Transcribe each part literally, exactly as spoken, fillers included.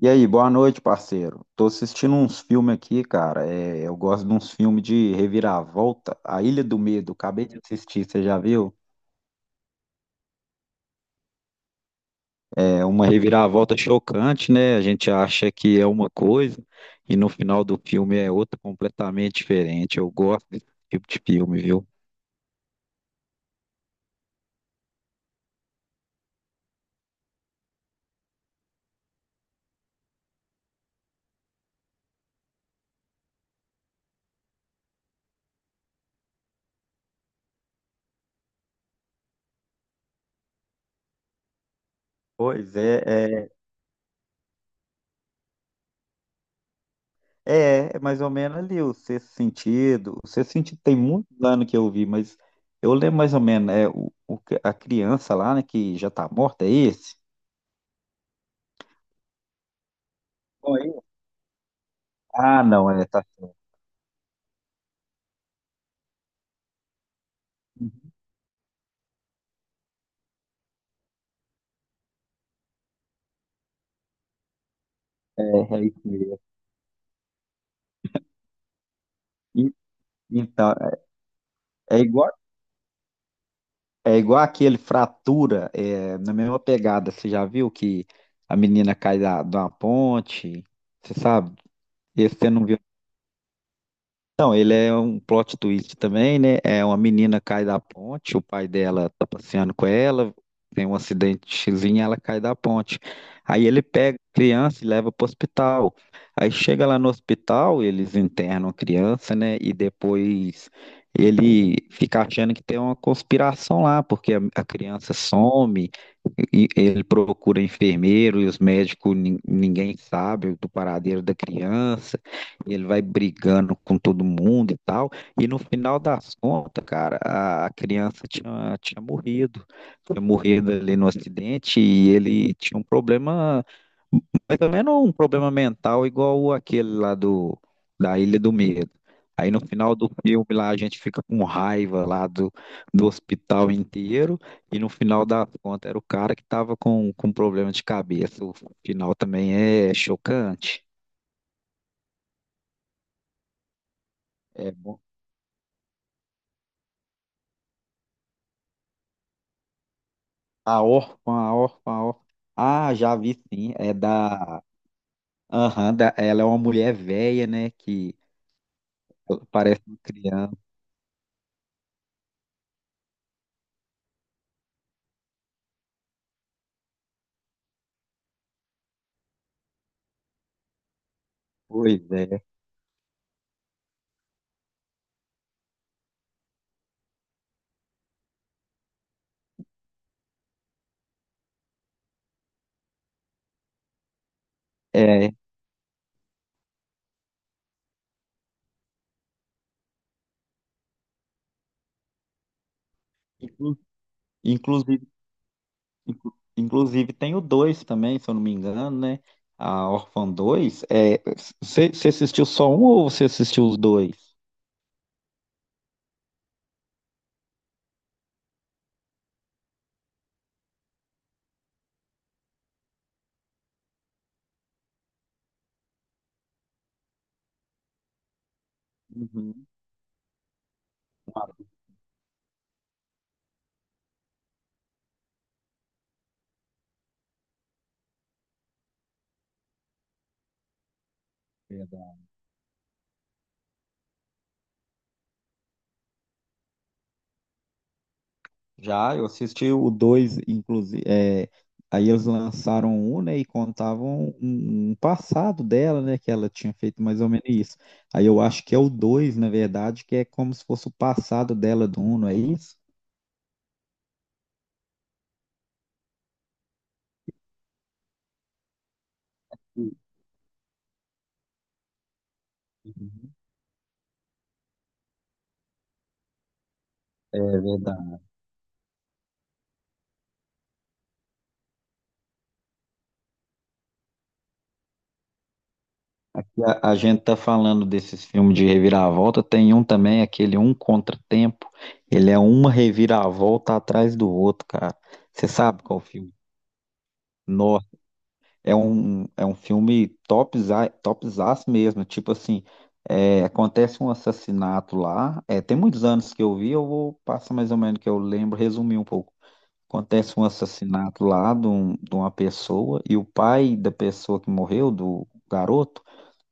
E aí, boa noite, parceiro. Tô assistindo uns filmes aqui, cara. É, eu gosto de uns filmes de reviravolta. A Ilha do Medo, acabei de assistir, você já viu? É uma reviravolta chocante, né? A gente acha que é uma coisa e no final do filme é outra completamente diferente. Eu gosto desse tipo de filme, viu? Pois é, é, é, é mais ou menos ali o Sexto Sentido. O Sexto Sentido tem muitos anos que eu vi, mas eu lembro mais ou menos, é o, o- a criança lá, né, que já tá morta, é esse? Ah, não, é, tá certo. É, é isso mesmo. E- então, é igual, é igual aquele Fratura, é, na mesma pegada. Você já viu que a menina cai da, de uma ponte? Você sabe? Esse você não viu? Então, ele é um plot twist também, né? É uma menina cai da ponte, o pai dela tá passeando com ela, tem um acidentezinho, ela cai da ponte. Aí ele pega a criança e leva pro hospital. Aí chega lá no hospital, eles internam a criança, né? E depois ele fica achando que tem uma conspiração lá, porque a, a criança some, e ele procura enfermeiro e os médicos, nin- ninguém sabe do paradeiro da criança. E ele vai brigando com todo mundo e tal. E no final das contas, cara, a, a criança tinha, tinha morrido. Tinha morrido ali no acidente e ele tinha um problema, mais ou menos um problema mental igual aquele lá do, da Ilha do Medo. Aí no final do filme lá a gente fica com raiva lá do, do hospital inteiro e no final das contas era o cara que tava com, com problema de cabeça. O final também é chocante. É a Órfã, a Órfã, a Órfã. Ah, já vi sim. É da. Aham, da... ela é uma mulher velha, né? Que parece uma criança. Pois é. É. Inclu- Inclusive, inclu- inclusive tem o dois também, se eu não me engano, né? A Órfã dois. É... Você você assistiu só um ou você assistiu os dois? Uhum. Já, eu assisti o dois inclusive. É, aí eles lançaram um, né? E contavam um, um passado dela, né? Que ela tinha feito mais ou menos isso. Aí eu acho que é o dois na verdade, que é como se fosse o passado dela do um, não é isso? Uhum. É verdade. E A, a gente tá falando desses filmes de reviravolta, tem um também, aquele Um Contratempo. Ele é uma reviravolta atrás do outro, cara. Você sabe qual filme? É um, é um filme topza, topzaço mesmo. Tipo assim, é, acontece um assassinato lá. É, tem muitos anos que eu vi, eu vou passar mais ou menos que eu lembro, resumir um pouco. Acontece um assassinato lá de, um- de uma pessoa e o pai da pessoa que morreu, do garoto,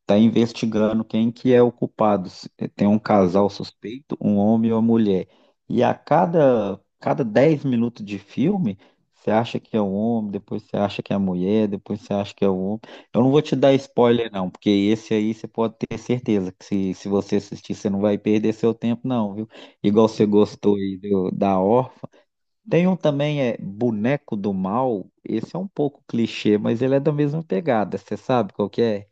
tá investigando quem que é o culpado. Se- tem um casal suspeito, um homem e uma mulher. E a cada, cada dez minutos de filme, você acha que é o homem, depois você acha que é a mulher, depois você acha que é o homem. Eu não vou te dar spoiler, não, porque esse aí você pode ter certeza que se, se você assistir, você não vai perder seu tempo, não, viu? Igual você gostou aí do- da Órfã. Tem um também, é Boneco do Mal. Esse é um pouco clichê, mas ele é da mesma pegada. Você sabe qual que é?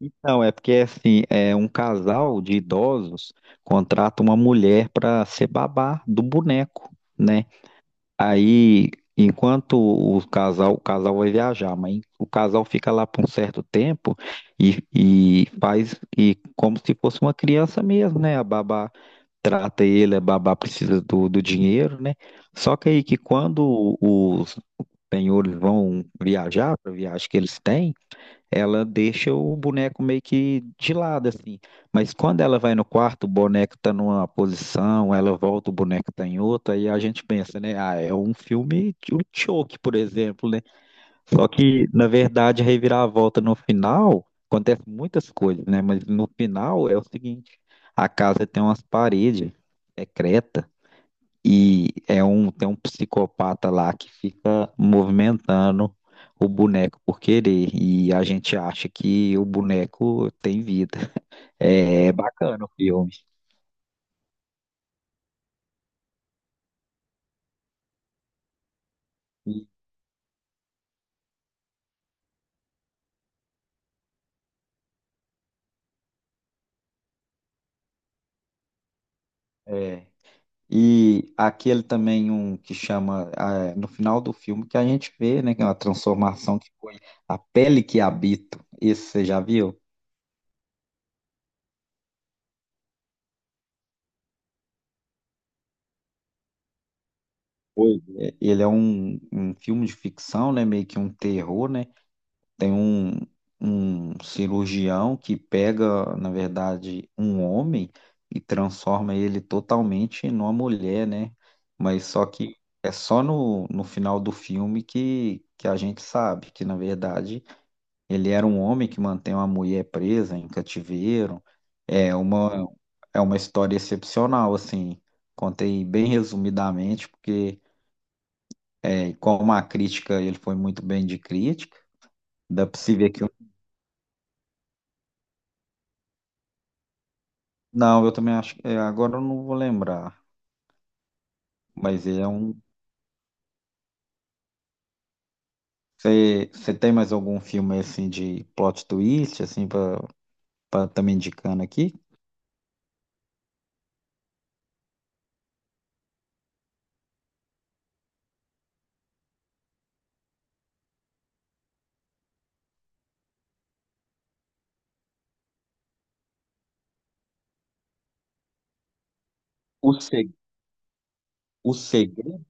Então, é porque assim, é um casal de idosos contrata uma mulher para ser babá do boneco, né? Aí, enquanto o casal, o casal vai viajar, mas o casal fica lá por um certo tempo e, e faz e como se fosse uma criança mesmo, né? A babá trata ele, a babá precisa do, do dinheiro, né? Só que aí que quando os senhores vão viajar, para a viagem que eles têm, ela deixa o boneco meio que de lado, assim. Mas quando ela vai no quarto, o boneco tá numa posição, ela volta, o boneco tá em outra, e a gente pensa, né? Ah, é um filme, de- o Choke, por exemplo, né? Só que, na verdade, a reviravolta no final, acontece muitas coisas, né? Mas no final é o seguinte, a casa tem umas paredes secretas, e é um, tem um psicopata lá que fica movimentando o boneco por querer. E a gente acha que o boneco tem vida. É, é bacana o filme. E, é, e aquele também um que chama, ah, no final do filme, que a gente vê, né, que é uma transformação que foi A Pele que Habito. Esse você já viu? Pois é. Ele é um, um filme de ficção, né, meio que um terror, né? Tem um, um, cirurgião que pega, na verdade, um homem e transforma ele totalmente numa mulher, né? Mas só que é só no, no final do filme que, que a gente sabe que, na verdade, ele era um homem que mantém uma mulher presa em cativeiro. É uma, é uma história excepcional, assim. Contei bem resumidamente, porque é, como a crítica, ele foi muito bem de crítica. Dá para se ver que não, eu também acho. É, agora eu não vou lembrar, mas ele é um. Você você tem mais algum filme assim de plot twist, assim, pra estar tá me indicando aqui? O, se... o Segredo?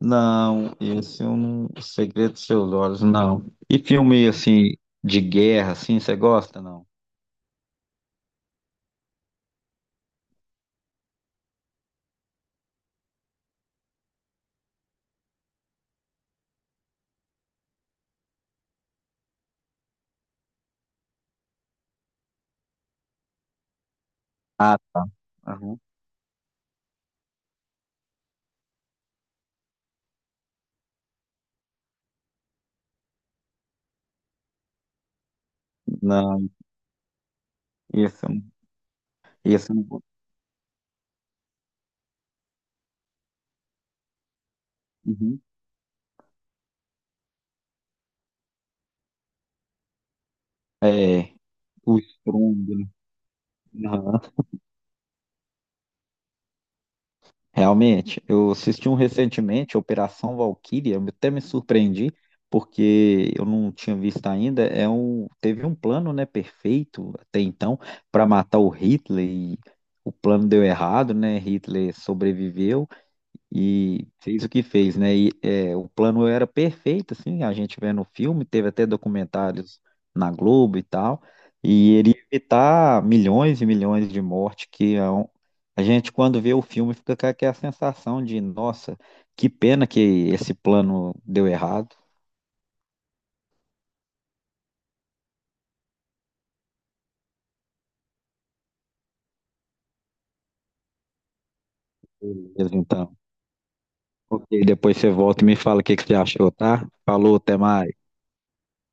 Não, esse eu não. O Segredo dos Seus Olhos, não. E filme assim, de guerra, assim, você gosta, não? Ah, tá. Aham. Não, esse eu não. Esse eu não. Uhum. É, o Estrondo, né? Realmente, eu assisti um recentemente, Operação Valkyria, eu até me surpreendi, porque eu não tinha visto ainda. É um, teve um plano, né, perfeito até então para matar o Hitler e o plano deu errado, né? Hitler sobreviveu e fez o que fez, né? E é, o plano era perfeito, assim, a gente vendo o filme, teve até documentários na Globo e tal, e ele ia evitar milhões e milhões de mortes, que é um- a gente, quando vê o filme, fica com aquela sensação de, nossa, que pena que esse plano deu errado. Beleza, então. Ok, depois você volta e me fala o que que você achou, tá? Falou, até mais.